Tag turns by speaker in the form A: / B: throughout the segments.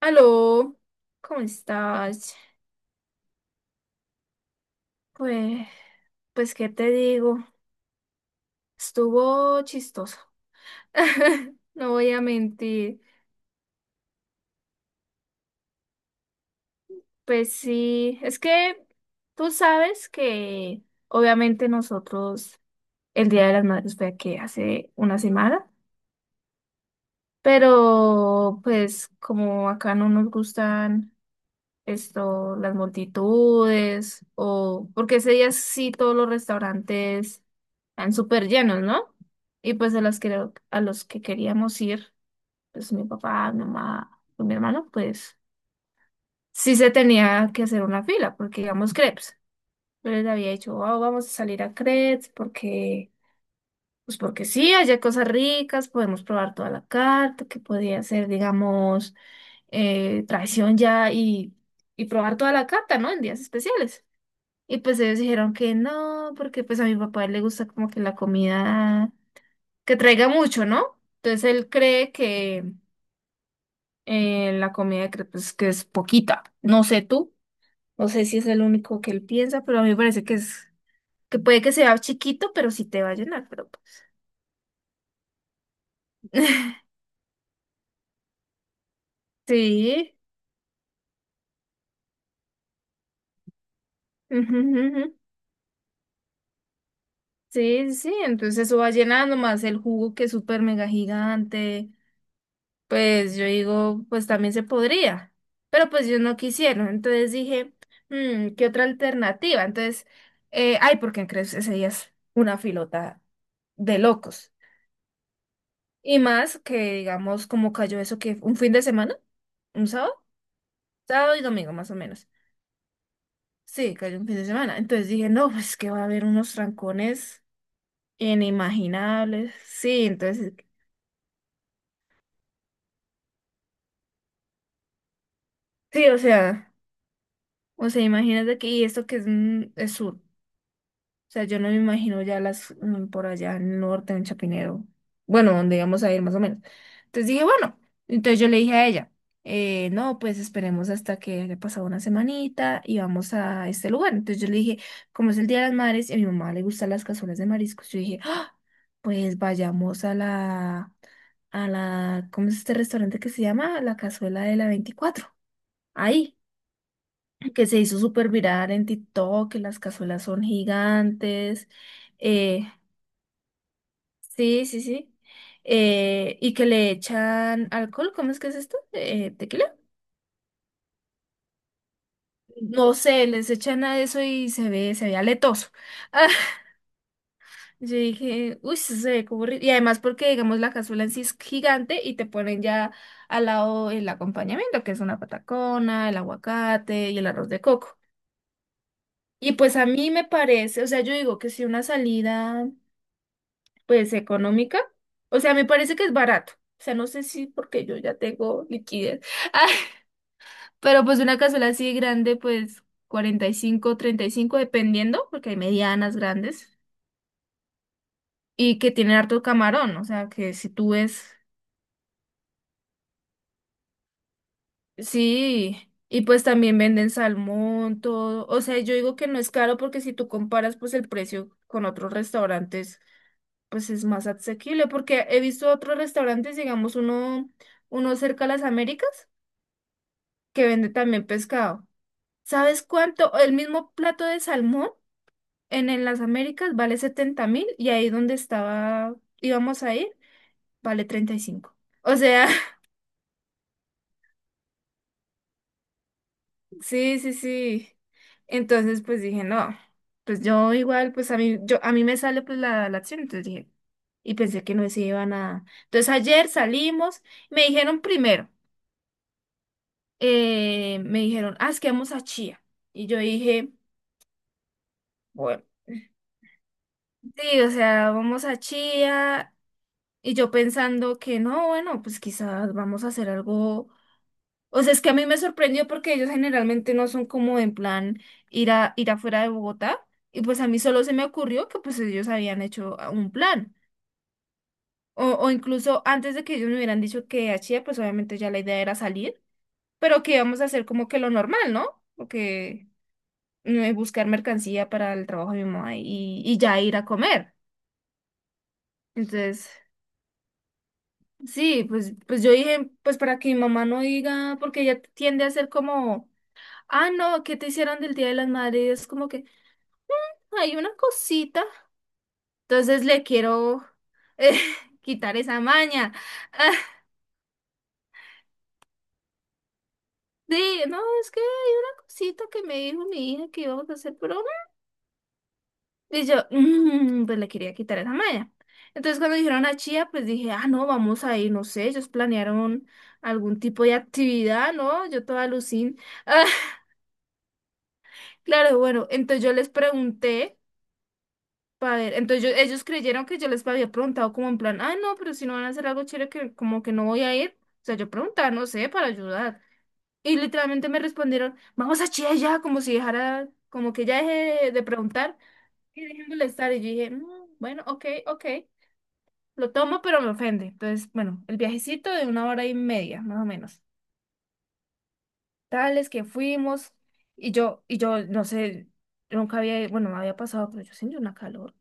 A: Aló, ¿cómo estás? Pues, pues, ¿qué te digo? Estuvo chistoso. No voy a mentir. Pues sí, es que tú sabes que obviamente nosotros el Día de las Madres fue que hace una semana, pero pues como acá no nos gustan esto, las multitudes, o porque ese día sí todos los restaurantes están súper llenos, ¿no? Y pues a los que queríamos ir, pues mi papá, mi mamá, pues, mi hermano, pues sí se tenía que hacer una fila, porque íbamos crepes. Yo les había dicho, "Wow, vamos a salir a crepes, porque, pues porque sí, allá hay cosas ricas, podemos probar toda la carta, que podía ser, digamos, traición ya y probar toda la carta, ¿no? En días especiales. Y pues ellos dijeron que no, porque pues a mi papá le gusta como que la comida que traiga mucho, ¿no? Entonces él cree que la comida que es poquita. No sé tú, no sé si es el único que él piensa, pero a mí me parece que es, que puede que sea chiquito, pero sí te va a llenar, pero pues. Sí. Ujú, ujú, ujú. Sí, sí, sí, entonces eso va llenando más el jugo que es súper mega gigante. Pues yo digo, pues también se podría, pero pues yo no quisieron, entonces dije, " ¿qué otra alternativa? Entonces, ay, porque en crees ese día es una filota de locos. Y más que, digamos, como cayó eso que un fin de semana, un sábado, sábado y domingo más o menos. Sí, cayó un fin de semana. Entonces dije, no, pues que va a haber unos trancones inimaginables. Sí, entonces, sí, o sea, imagínate que y esto que es, es sur. O sea, yo no me imagino ya las por allá en el norte, en Chapinero. Bueno, donde íbamos a ir más o menos. Entonces dije, bueno, entonces yo le dije a ella, no, pues esperemos hasta que haya pasado una semanita y vamos a este lugar. Entonces yo le dije, como es el Día de las Madres y a mi mamá le gustan las cazuelas de mariscos, yo dije, "Ah, pues vayamos ¿cómo es este restaurante que se llama? La Cazuela de la 24. Ahí que se hizo súper viral en TikTok, que las cazuelas son gigantes. eh, sí, sí, sí. Y que le echan alcohol, ¿cómo es que es esto? ¿Tequila? No sé, les echan a eso y se ve aletoso. Yo dije, uy, eso se ve como horrible". Y además porque, digamos, la cazuela en sí es gigante y te ponen ya al lado el acompañamiento, que es una patacona, el aguacate y el arroz de coco. Y pues a mí me parece, o sea, yo digo que si una salida pues económica. O sea, me parece que es barato. O sea, no sé si porque yo ya tengo liquidez. Ah, pero pues una cazuela así grande, pues 45 35 dependiendo, porque hay medianas grandes y que tienen harto camarón. O sea, que si tú ves, sí. Y pues también venden salmón, todo. O sea, yo digo que no es caro porque si tú comparas pues el precio con otros restaurantes, pues es más asequible. Porque he visto otros restaurantes, digamos uno cerca a las Américas. Que vende también pescado. ¿Sabes cuánto? El mismo plato de salmón en las Américas vale 70.000 y ahí donde estaba, íbamos a ir, vale 35. O sea, sí, sí, sí. Entonces, pues dije, no, pues yo igual, pues a mí, yo, a mí me sale pues la acción, entonces dije, y pensé que no se iba nada. Entonces ayer salimos, me dijeron primero, me dijeron, ah, es que vamos a Chía. Y yo dije, bueno. Sí, o sea, vamos a Chía. Y yo pensando que no, bueno, pues quizás vamos a hacer algo. O sea, es que a mí me sorprendió porque ellos generalmente no son como en plan ir a ir afuera de Bogotá. Y pues a mí solo se me ocurrió que pues ellos habían hecho un plan. O incluso antes de que ellos me hubieran dicho que a Chía, pues obviamente ya la idea era salir, pero que íbamos a hacer como que lo normal, ¿no? Porque buscar mercancía para el trabajo de mi mamá y ya ir a comer. Entonces. Sí, pues yo dije, pues para que mi mamá no diga, porque ella tiende a ser como, ah, no, ¿qué te hicieron del Día de las Madres? Y es como que hay una cosita. Entonces le quiero eh, quitar esa maña. Ah, sí, no, es que hay una cosita que me dijo mi hija que íbamos a hacer, pero y yo, "Mm", pues le quería quitar esa maña. Entonces cuando dijeron a Chía, pues dije, ah, no, vamos a ir, no sé, ellos planearon algún tipo de actividad, ¿no? Yo toda alucin. Claro, bueno, entonces yo les pregunté para ver, entonces ellos creyeron que yo les había preguntado como en plan, ah, no, pero si no van a hacer algo chévere que como que no voy a ir, o sea, yo preguntaba, no sé, para ayudar. Y literalmente me respondieron, vamos a Chía ya, como si dejara, como que ya dejé de, preguntar y dejé de molestar. Y yo dije, " bueno, ok, ok, lo tomo, pero me ofende. Entonces, bueno, el viajecito de una hora y media, más o menos. Tales que fuimos y yo, no sé, nunca había, bueno, me había pasado, pero yo sentí una calor.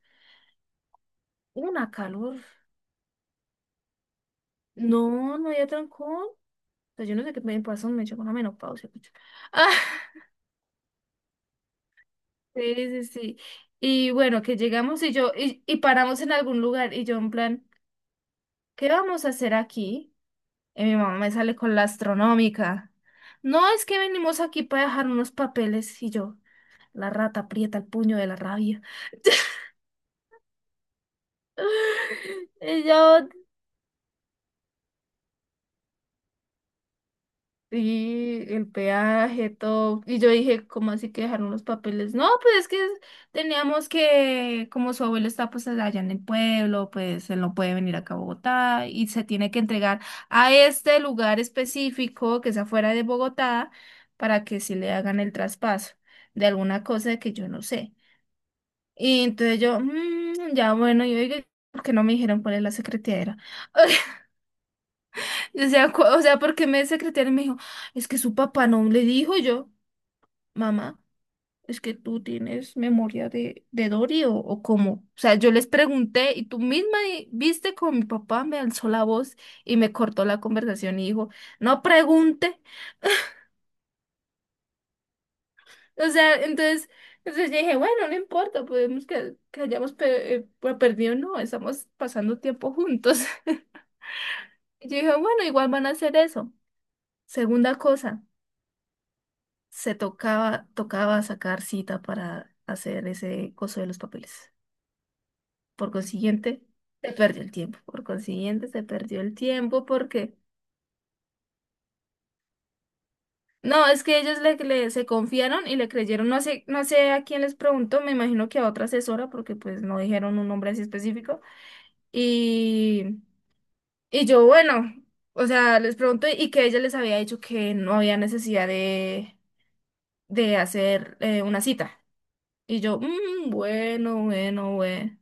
A: Una calor. No, no había trancón. Pues yo no sé qué me pasó, me echó una menopausia. Pucha. Ah, sí, sí, sí. Y bueno, que llegamos y yo, y paramos en algún lugar y yo en plan, ¿qué vamos a hacer aquí? Y mi mamá me sale con la astronómica. No, es que venimos aquí para dejar unos papeles y yo, la rata aprieta el puño de la rabia. Y yo, Y el peaje, todo. Y yo dije, ¿cómo así que dejaron los papeles? No, pues es que teníamos que, como su abuelo está pues allá en el pueblo, pues él no puede venir acá a Bogotá y se tiene que entregar a este lugar específico que es afuera de Bogotá para que sí le hagan el traspaso de alguna cosa que yo no sé. Y entonces yo, " ya bueno, y oiga, ¿por qué no me dijeron cuál es la secretaria? O sea, o sea, porque me secretaria me dijo, es que su papá no le dijo y yo, mamá, es que tú tienes memoria de Dory o cómo. O sea, yo les pregunté y tú misma viste como mi papá me alzó la voz y me cortó la conversación y dijo, no pregunte. O sea, entonces, yo dije, bueno, no importa, podemos que, hayamos pues, perdido, no, estamos pasando tiempo juntos. Y yo dije, bueno, igual van a hacer eso. Segunda cosa. Tocaba sacar cita para hacer ese coso de los papeles. Por consiguiente, se perdió el tiempo. Por consiguiente, se perdió el tiempo porque... No, es que ellos se confiaron y le creyeron. No sé a quién les preguntó, me imagino que a otra asesora porque pues no dijeron un nombre así específico. Y, y yo, bueno, o sea, les pregunté y que ella les había dicho que no había necesidad de hacer una cita. Y yo, " bueno, bueno, bueno.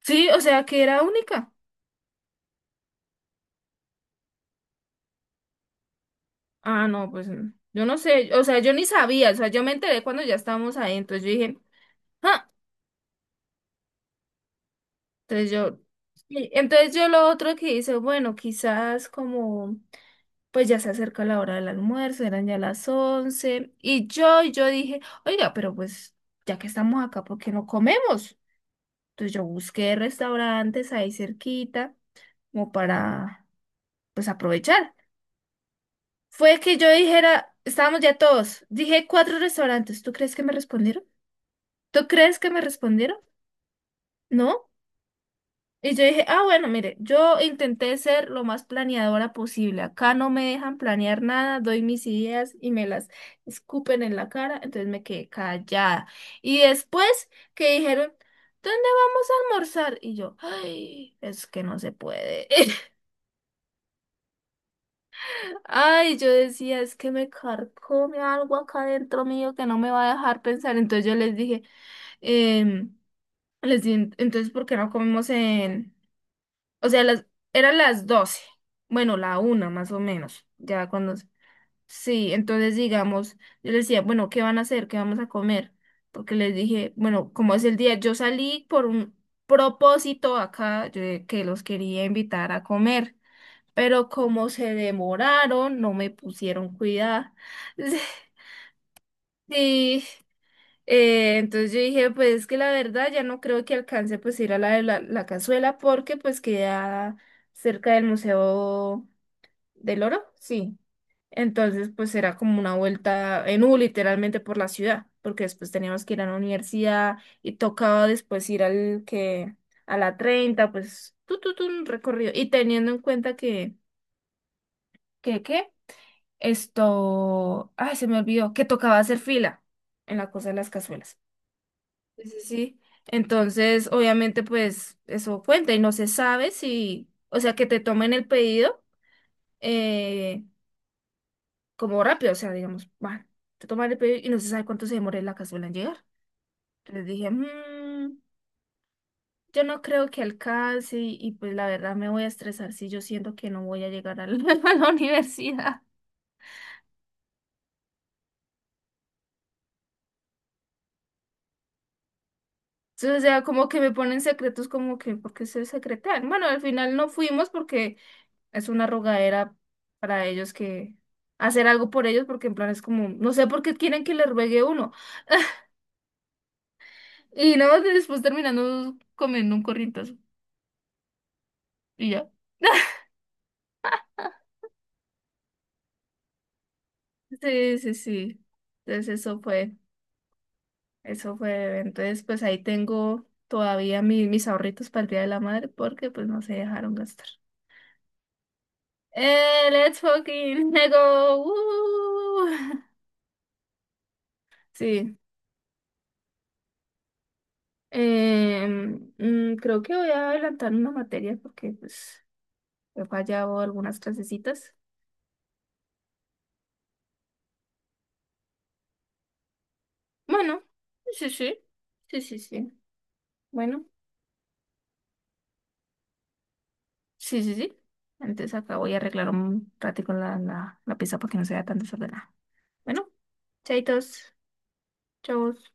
A: Sí, o sea, que era única. Ah, no, pues yo no sé, o sea, yo ni sabía, o sea, yo me enteré cuando ya estábamos ahí, entonces yo dije, ah, entonces yo, sí, entonces yo lo otro que hice, bueno, quizás como, pues ya se acerca la hora del almuerzo, eran ya las 11, y yo dije, oiga, pero pues ya que estamos acá, ¿por qué no comemos? Entonces yo busqué restaurantes ahí cerquita, como para, pues aprovechar. Fue que yo dijera, estábamos ya todos. Dije cuatro restaurantes. ¿Tú crees que me respondieron? ¿Tú crees que me respondieron? No. Y yo dije, ah, bueno, mire, yo intenté ser lo más planeadora posible. Acá no me dejan planear nada, doy mis ideas y me las escupen en la cara, entonces me quedé callada. Y después que dijeron, ¿dónde vamos a almorzar? Y yo, ay, es que no se puede. Ay, yo decía, es que me carcome algo acá dentro mío que no me va a dejar pensar. Entonces yo les dije, em, les dije, entonces, ¿por qué no comemos en...? O sea, eran las 12 bueno, la 1 más o menos, ya cuando... Sí, entonces digamos, yo les decía, bueno, ¿qué van a hacer? ¿Qué vamos a comer? Porque les dije, bueno, como es el día, yo salí por un propósito acá, yo, de que los quería invitar a comer pero como se demoraron, no me pusieron cuidado. Sí, entonces yo dije, pues es que la verdad ya no creo que alcance pues ir a la de la cazuela porque pues queda cerca del Museo del Oro, sí. Entonces pues era como una vuelta en U literalmente por la ciudad, porque después teníamos que ir a la universidad y tocaba después ir al que a la 30 pues tu tu tu un recorrido y teniendo en cuenta que qué? Esto, ay, se me olvidó, que tocaba hacer fila en la cosa de las cazuelas. Sí, sí, sí. Entonces, obviamente, pues eso cuenta y no se sabe si, o sea, que te tomen el pedido eh, como rápido, o sea, digamos, bueno te toman el pedido y no se sabe cuánto se demora la cazuela en llegar. Entonces dije, " yo no creo que alcance y, pues la verdad me voy a estresar si yo siento que no voy a llegar a la, a la universidad. Entonces, o sea, como que me ponen secretos como que, ¿por qué se secretean? Bueno, al final no fuimos porque es una rogadera para ellos que hacer algo por ellos porque en plan es como, no sé por qué quieren que les ruegue uno. Y nada más después terminando comiendo un corrientazo y ya. Sí, sí, sí. Entonces eso fue, eso fue. Entonces pues ahí tengo todavía mis ahorritos para el Día de la Madre porque pues no se dejaron gastar. Let's fucking go. Woo. Sí, creo que voy a adelantar una materia porque pues he fallado algunas clasecitas. Bueno, sí, sí, sí, sí, sí. Bueno, sí, sí, sí. Entonces acá voy a arreglar un ratico la, la pieza para que no se vea tan desordenada. Bueno, chaitos, chavos.